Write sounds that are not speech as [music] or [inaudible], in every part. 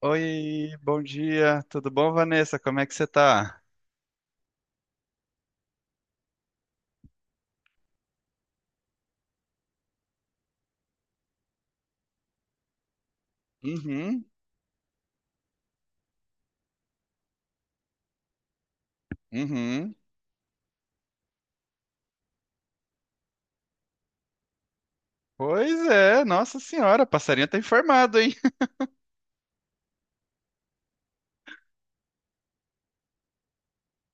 Oi, bom dia. Tudo bom, Vanessa? Como é que você tá? Uhum, uhum. Pois é, nossa senhora, passarinho tá informado, hein? [laughs]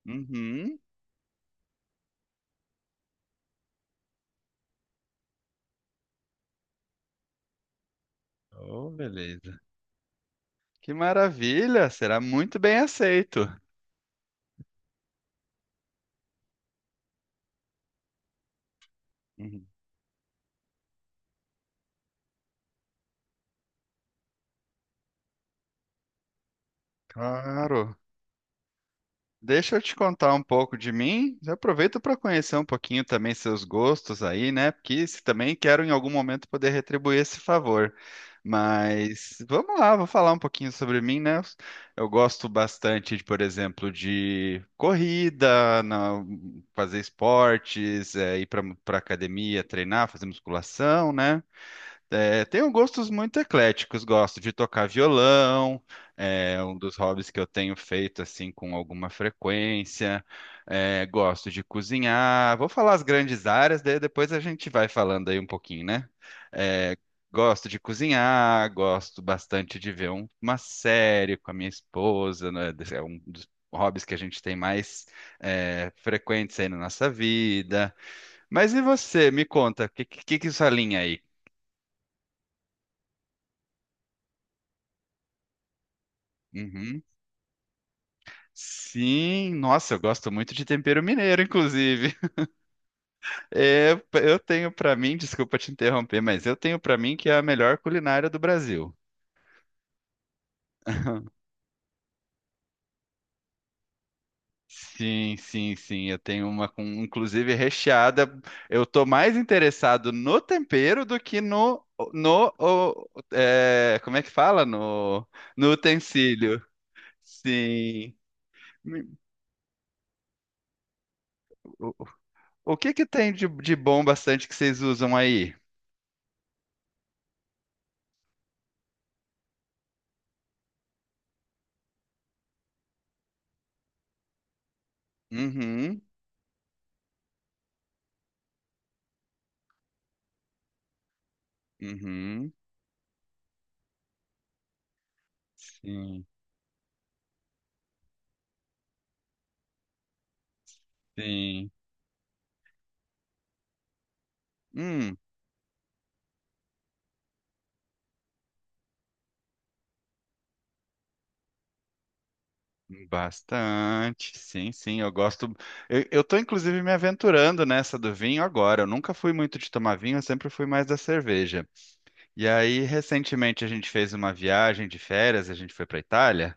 Uhum. Oh, beleza. Que maravilha, será muito bem aceito. Uhum. Claro. Deixa eu te contar um pouco de mim. Aproveita para conhecer um pouquinho também seus gostos aí, né? Porque se também quero em algum momento poder retribuir esse favor. Mas vamos lá, vou falar um pouquinho sobre mim, né? Eu gosto bastante, de, por exemplo, de corrida, fazer esportes, ir para academia, treinar, fazer musculação, né? É, tenho gostos muito ecléticos, gosto de tocar violão, é um dos hobbies que eu tenho feito assim com alguma frequência. É, gosto de cozinhar. Vou falar as grandes áreas, daí depois a gente vai falando aí um pouquinho, né? É, gosto de cozinhar, gosto bastante de ver uma série com a minha esposa, né? É um dos hobbies que a gente tem mais é, frequentes aí na nossa vida. Mas e você? Me conta, o que que é sua linha aí? Uhum. Sim, nossa, eu gosto muito de tempero mineiro, inclusive. [laughs] É, eu tenho pra mim, desculpa te interromper, mas eu tenho pra mim que é a melhor culinária do Brasil. Sim, sim, sim, eu tenho uma com inclusive recheada. Eu tô mais interessado no tempero do que no no o- como é que fala? No no utensílio. Sim. Me- O, o que que tem de bom bastante que vocês usam aí? Uhum, uhum. Sim. Sim. Hum, bastante. Sim, sim, eu gosto. Eu tô inclusive me aventurando nessa do vinho agora. Eu nunca fui muito de tomar vinho, eu sempre fui mais da cerveja. E aí, recentemente, a gente fez uma viagem de férias, a gente foi para Itália,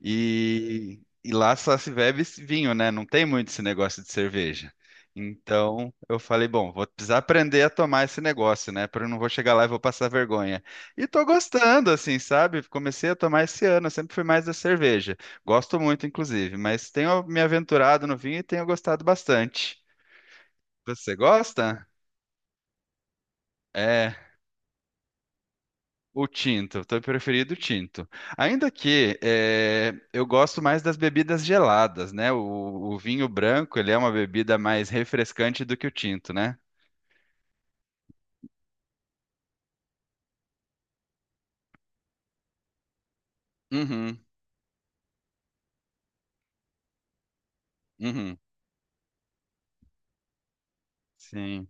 e lá só se bebe esse vinho, né? Não tem muito esse negócio de cerveja. Então, eu falei, bom, vou precisar aprender a tomar esse negócio, né? Porque eu não vou chegar lá e vou passar vergonha. E tô gostando, assim, sabe? Comecei a tomar esse ano, eu sempre fui mais da cerveja. Gosto muito, inclusive, mas tenho me aventurado no vinho e tenho gostado bastante. Você gosta? É. O tinto, teu preferido o tinto. Ainda que eu gosto mais das bebidas geladas, né? O vinho branco, ele é uma bebida mais refrescante do que o tinto, né? Uhum, uhum, sim.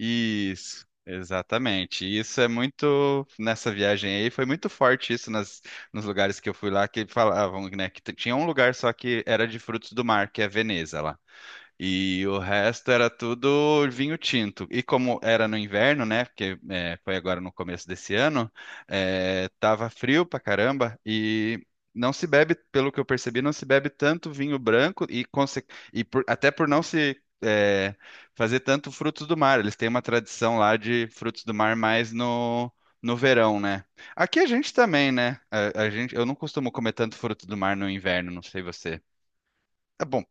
Isso, exatamente. Isso é muito, nessa viagem aí, foi muito forte isso nas, nos lugares que eu fui lá, que falavam, né, que tinha um lugar só que era de frutos do mar, que é Veneza lá. E o resto era tudo vinho tinto. E como era no inverno, né? Porque foi agora no começo desse ano, tava frio pra caramba e não se bebe, pelo que eu percebi, não se bebe tanto vinho branco até por não se fazer tanto frutos do mar. Eles têm uma tradição lá de frutos do mar mais no verão, né? Aqui a gente também, né? A gente, eu não costumo comer tanto fruto do mar no inverno, não sei você. Tá bom.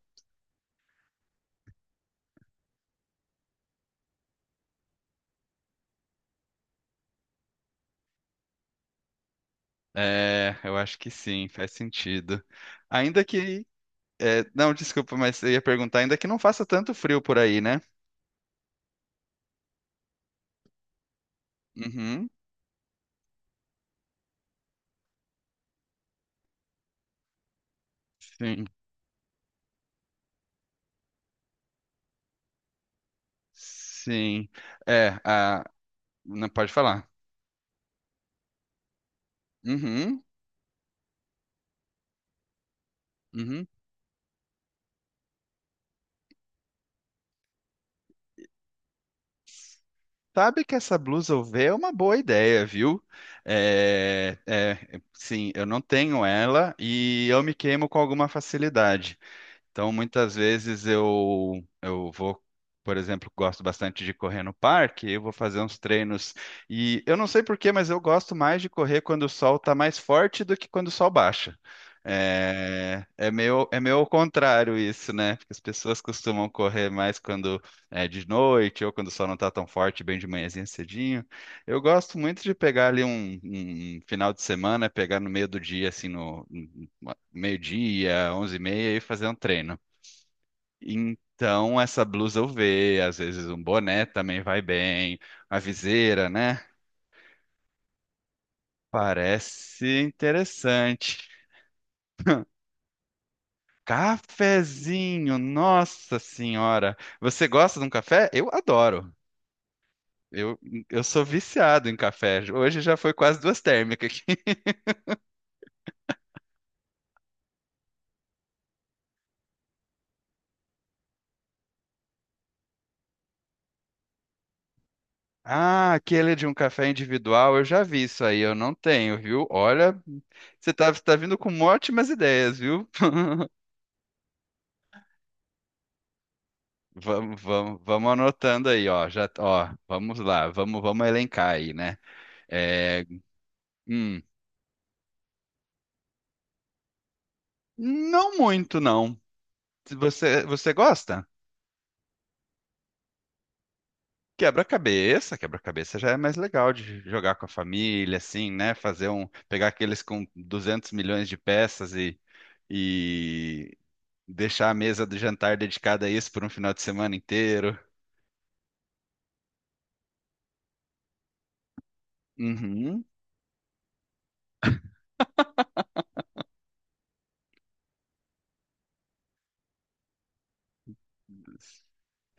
É, eu acho que sim, faz sentido. Ainda que. Não, desculpa, mas eu ia perguntar, ainda que não faça tanto frio por aí, né? Uhum, sim, sim. É, não pode falar. Uhum, uhum. Sabe que essa blusa UV é uma boa ideia, viu? É, é, sim, eu não tenho ela e eu me queimo com alguma facilidade. Então, muitas vezes eu vou, por exemplo, gosto bastante de correr no parque, eu vou fazer uns treinos e eu não sei por quê, mas eu gosto mais de correr quando o sol está mais forte do que quando o sol baixa. É, é meio ao contrário isso, né? Porque as pessoas costumam correr mais quando é de noite ou quando o sol não está tão forte, bem de manhãzinha cedinho. Eu gosto muito de pegar ali um final de semana, pegar no meio do dia, assim, no meio-dia, 11:30 e fazer um treino. Então, essa blusa UV, às vezes um boné também vai bem, uma viseira, né? Parece interessante. Cafezinho, nossa senhora. Você gosta de um café? Eu adoro. Eu, eu sou viciado em café. Hoje já foi quase duas térmicas aqui. [laughs] Ah, aquele de um café individual, eu já vi isso aí, eu não tenho, viu? Olha, você tá vindo com ótimas ideias, viu? Vamos, vamos, vamos anotando aí, ó. Já, ó, vamos lá, vamos elencar aí, né? É, hum, não muito, não. Se você gosta? Quebra-cabeça, quebra-cabeça já é mais legal de jogar com a família, assim, né? Fazer um, pegar aqueles com 200 milhões de peças e deixar a mesa do jantar dedicada a isso por um final de semana inteiro. Uhum.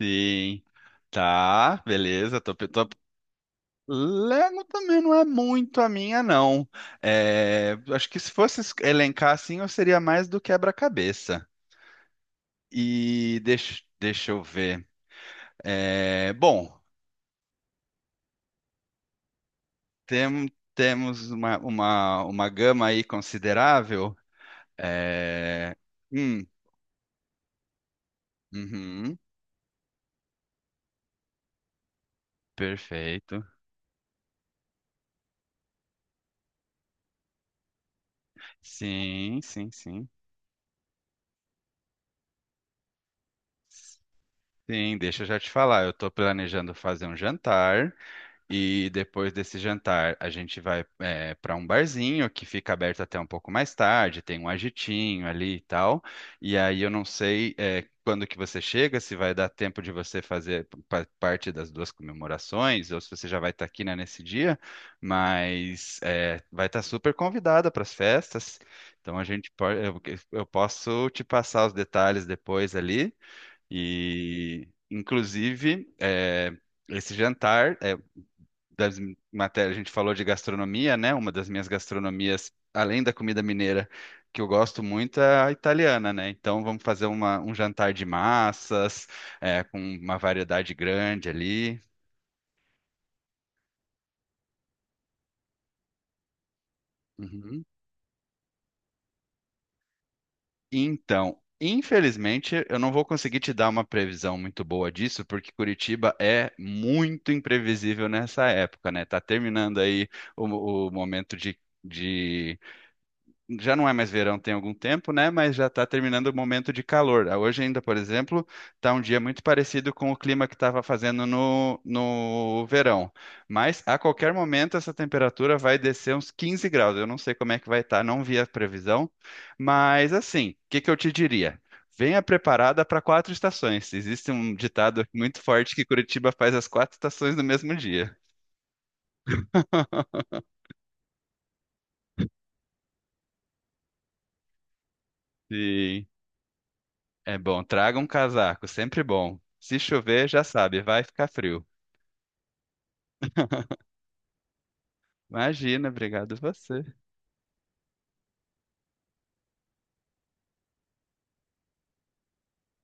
Sim. Tá, beleza. Tô, pe- tô Lego também não é muito a minha, não. É, acho que se fosse elencar assim, eu seria mais do quebra-cabeça. E deixa eu ver. É, bom, tem- temos uma gama aí considerável. É, hum, uhum, perfeito. Sim, sim, sim. Sim, deixa eu já te falar. Eu estou planejando fazer um jantar. E depois desse jantar, a gente vai para um barzinho que fica aberto até um pouco mais tarde, tem um agitinho ali e tal. E aí eu não sei quando que você chega, se vai dar tempo de você fazer parte das duas comemorações, ou se você já vai estar aqui, né, nesse dia, mas vai estar super convidada para as festas. Então a gente pode, eu posso te passar os detalhes depois ali. E inclusive, esse jantar, das matérias, a gente falou de gastronomia, né? Uma das minhas gastronomias, além da comida mineira, que eu gosto muito é a italiana, né? Então vamos fazer um jantar de massas, com uma variedade grande ali. Uhum. Então, infelizmente, eu não vou conseguir te dar uma previsão muito boa disso, porque Curitiba é muito imprevisível nessa época, né? Tá terminando aí o momento de. De já não é mais verão tem algum tempo, né? Mas já está terminando o momento de calor. Ah, hoje ainda, por exemplo, está um dia muito parecido com o clima que estava fazendo no verão. Mas a qualquer momento essa temperatura vai descer uns 15 graus. Eu não sei como é que vai estar, não vi a previsão. Mas assim, o que que eu te diria? Venha preparada para quatro estações. Existe um ditado muito forte que Curitiba faz as quatro estações no mesmo dia. [laughs] Sim. É bom, traga um casaco, sempre bom. Se chover, já sabe, vai ficar frio. Imagina, obrigado você.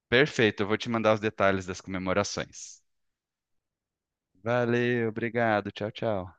Perfeito, eu vou te mandar os detalhes das comemorações. Valeu, obrigado, tchau, tchau.